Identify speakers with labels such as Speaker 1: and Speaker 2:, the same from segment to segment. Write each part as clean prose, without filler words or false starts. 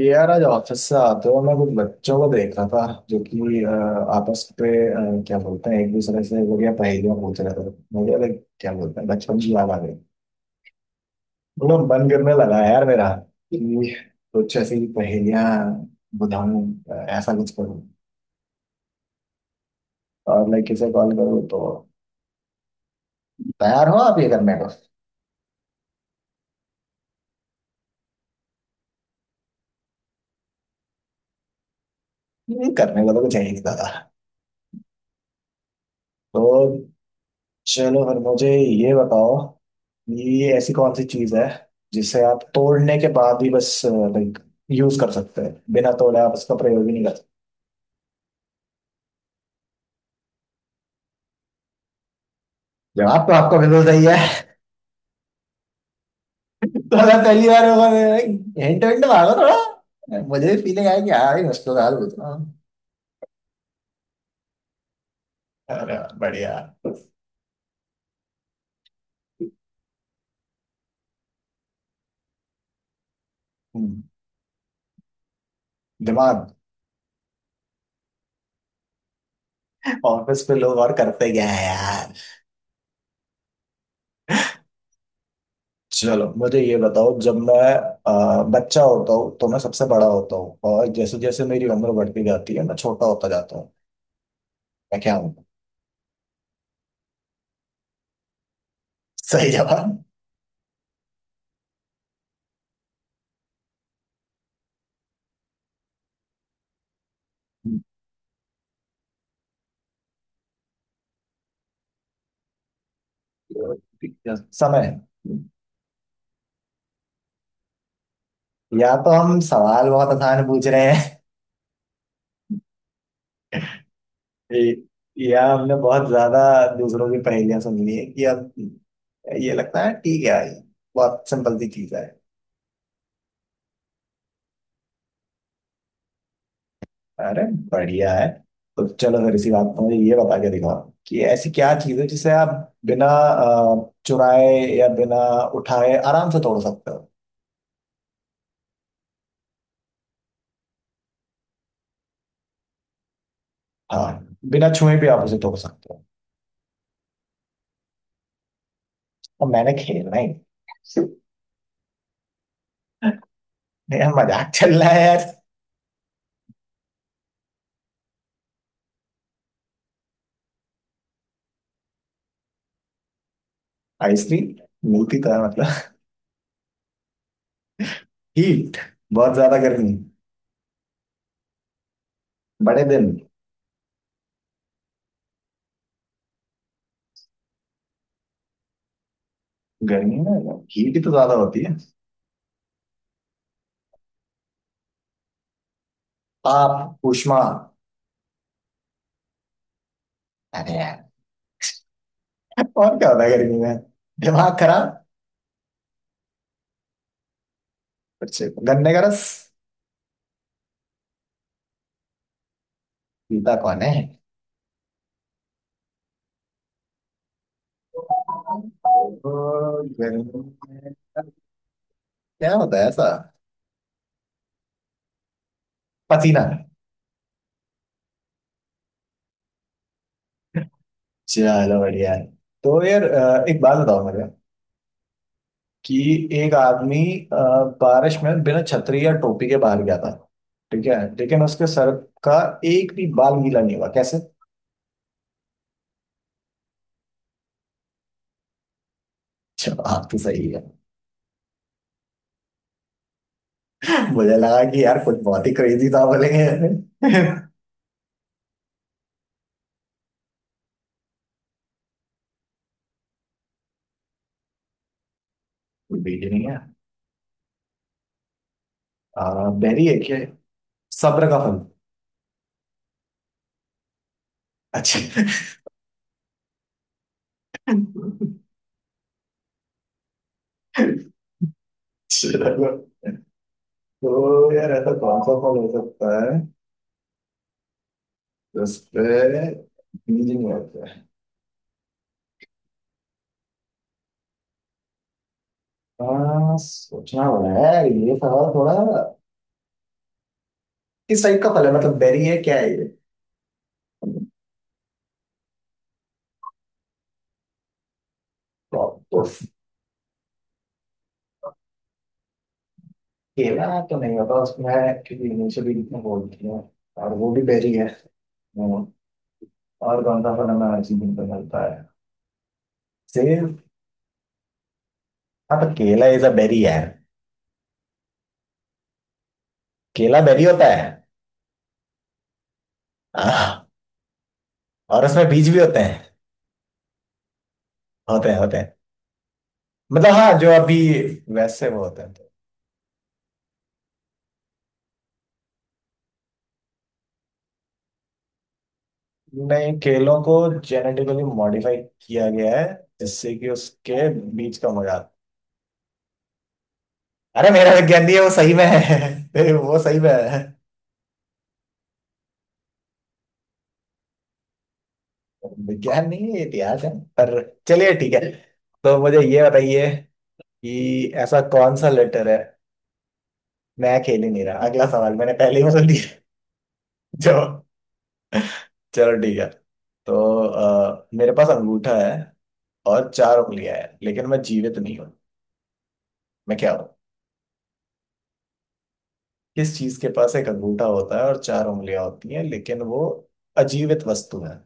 Speaker 1: यार आज ऑफिस से आते हुए मैं कुछ बच्चों को देख रहा था जो कि आपस पे क्या बोलते हैं, एक दूसरे से बढ़िया पहेलियां पूछ रहे थे। मुझे लाइक क्या बोलते हैं, बचपन की याद आ गई। मतलब मन करने लगा यार मेरा कि कुछ ऐसी पहेलियां बुझाऊं, ऐसा कुछ करूं और लाइक किसे कॉल करूं, तो तैयार हो आप ये करने को। करने को तो कुछ है ही नहीं दादा। तो चलो फिर मुझे ये बताओ, ये ऐसी कौन सी चीज है जिसे आप तोड़ने के बाद भी बस लाइक यूज कर सकते हैं, बिना तोड़े आप उसका प्रयोग ही नहीं कर सकते। जवाब तो आपका बिल्कुल सही है, थोड़ा पहली बार होगा हिंट हिंट मांगो, थोड़ा मुझे भी फीलिंग आई कि हाँ, ये मुश्किल सवाल पूछना। अरे वाह, बढ़िया। हम्म, दिमाग। ऑफिस पे लोग और करते क्या है यार। चलो मुझे ये बताओ, जब मैं बच्चा होता हूँ तो मैं सबसे बड़ा होता हूँ, और जैसे जैसे मेरी उम्र बढ़ती जाती है मैं छोटा होता जाता हूँ। मैं क्या हूँ? सही जवाब। समय। या तो हम सवाल बहुत आसान पूछ रहे हैं, ए- या हमने बहुत ज्यादा दूसरों की पहेलियां सुन ली है कि अब ये लगता है, ठीक है बहुत सिंपल सी चीज है। अरे बढ़िया है। तो चलो फिर इसी बात पर मुझे ये बता के दिखाओ कि ऐसी क्या चीज है जिसे आप बिना चुराए या बिना उठाए आराम से तोड़ सकते हो। हाँ, बिना छुए भी आप उसे तोड़ सकते हो। और मैंने खेलना ही नहीं। यार मजाक चल रहा है यार। आइसक्रीम मिलती तो है मतलब। हीट। बहुत ज्यादा गर्मी, बड़े दिन। गर्मी में हीट ही तो ज्यादा होती है। आप ऊष्मा। अरे यार, और क्या होता है गर्मी में, दिमाग खराब। कुछ गन्ने का रस। गीता कौन है। तो गर्मी में क्या होता है ऐसा? पसीना। चलो बढ़िया है। तो यार एक बात बताओ मुझे कि एक आदमी अ, बारिश में बिना छतरी या टोपी के बाहर गया था, ठीक है, लेकिन उसके सर का एक भी बाल गीला नहीं हुआ, कैसे? जवाब तो सही है। मुझे लगा कि यार कुछ बहुत ही क्रेजी था बोलेंगे। कोई भी नहीं है? आ, बहरी है क्या ये? सब्र का फल। अच्छा। चलो, तो यार ऐसा कौन सा फल हो सकता है जिसपे बीज नहीं होते? हाँ, सोचना पड़ा है ये सवाल थोड़ा। किस टाइप का फल है, मतलब बेरी है, क्या है ये? Well, तो केला तो नहीं होता उसमें क्योंकि इनिशियली कितने बोलती है, और वो भी बेरी है। हम्म, और कौन सा फल हमें हर सीजन पे मिलता है? सेब। हाँ तो केला इज अ बेरी है। केला बेरी होता है। हाँ, और उसमें बीज भी होते हैं। होते हैं। मतलब हाँ जो अभी वैसे वो होते हैं। नहीं, केलों को जेनेटिकली मॉडिफाई किया गया है जिससे कि उसके बीज का मजा आता है। अरे मेरा विज्ञान नहीं है, वो सही में है। वो सही में है। विज्ञान नहीं है, इतिहास है। पर चलिए ठीक है। तो मुझे ये बताइए कि ऐसा कौन सा लेटर है। मैं खेल ही नहीं रहा, अगला सवाल मैंने पहले ही बोल दिया। जो, चलो ठीक है। तो मेरे पास अंगूठा है और चार उंगलियां हैं, लेकिन मैं जीवित नहीं हूँ। मैं क्या हूँ? किस चीज के पास एक अंगूठा होता है और चार उंगलियां होती हैं, लेकिन वो अजीवित वस्तु है।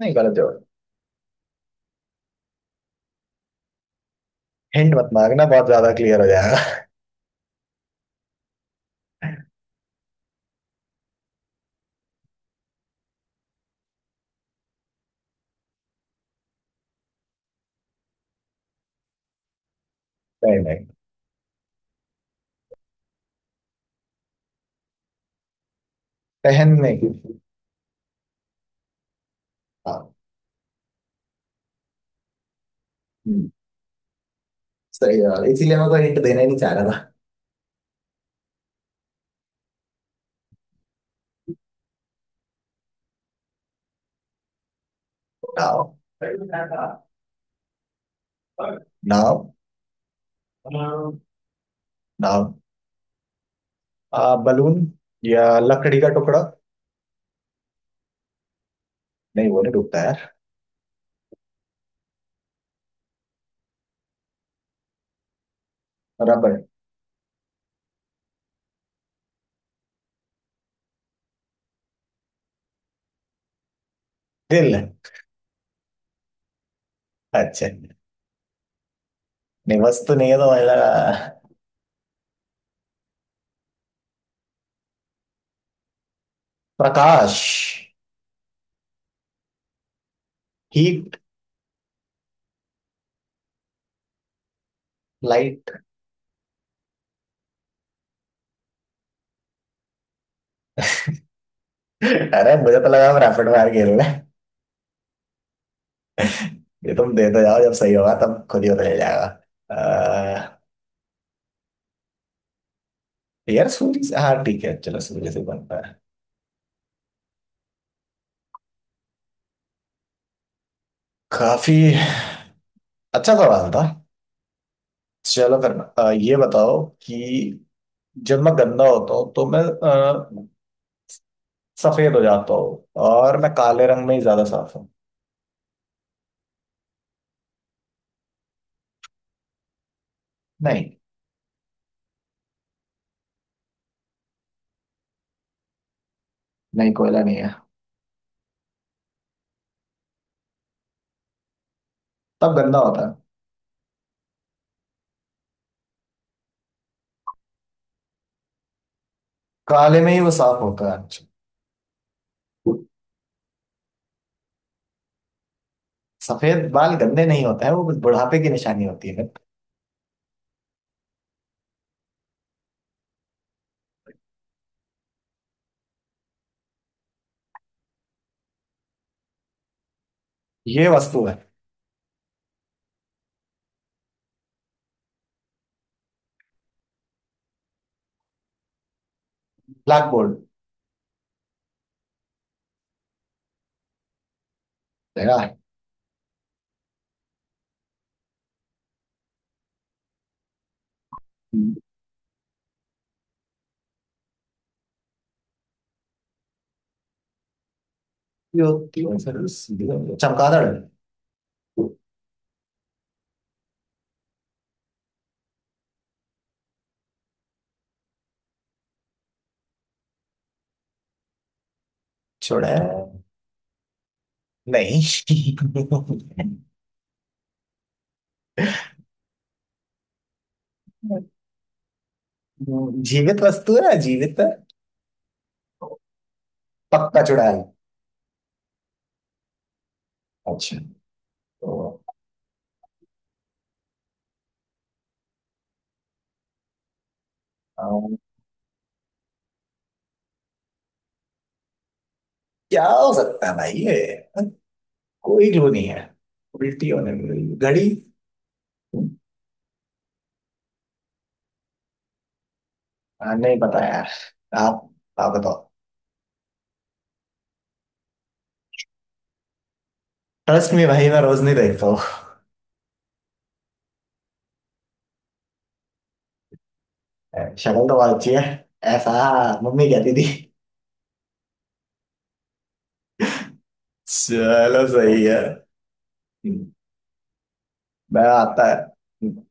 Speaker 1: नहीं गलत जवाब। हिंट मत मांगना, बहुत ज्यादा क्लियर हो जाएगा। नहीं नहीं। पहनने की। हाँ। हम्म, सही जवाब, इसीलिए मैं कोई हिंट देना ही नहीं चाह रहा था। नाव। नाव। नाव, आ, बलून या लकड़ी का टुकड़ा। नहीं वो नहीं डूबता यार। रबर। दिल। अच्छा नहीं, वस्तु नहीं है तो मतलब। प्रकाश। हीट। लाइट। अरे मुझे तो लगा हम रैपिड फायर खेल रहे हैं। ये तुम देते जाओ, जब सही होगा तब खुद ही पता चल जाएगा। अह, यार सूरी से, हाँ ठीक है चलो सूरी से बनता है। काफी अच्छा सवाल था। चलो फिर ये बताओ कि जब मैं गंदा होता हूँ तो मैं सफेद हो जाता हूँ, और मैं काले रंग में ही ज्यादा साफ हूँ। नहीं। नहीं कोयला नहीं है। तब गंदा होता है। काले में ही वो साफ होता है। सफेद बाल गंदे नहीं होते हैं, वो बस बुढ़ापे की निशानी होती है। ये वस्तु है। Black board. देखा। जो, चमगादड़। छोड़ा है? नहीं। जीवित वस्तु है ना, जीवित है। पक्का चुड़ैल। अच्छा। तो अम, क्या हो सकता है भाई ये, कोई क्लू नहीं है। उल्टी होने वाली घड़ी। हाँ, नहीं पता यार। आप आप बताओ। ट्रस्ट में भाई मैं रोज नहीं देखता हूँ। शक्ल तो बहुत अच्छी है। ऐसा मम्मी कहती थी। चलो सही है। मैं आता है।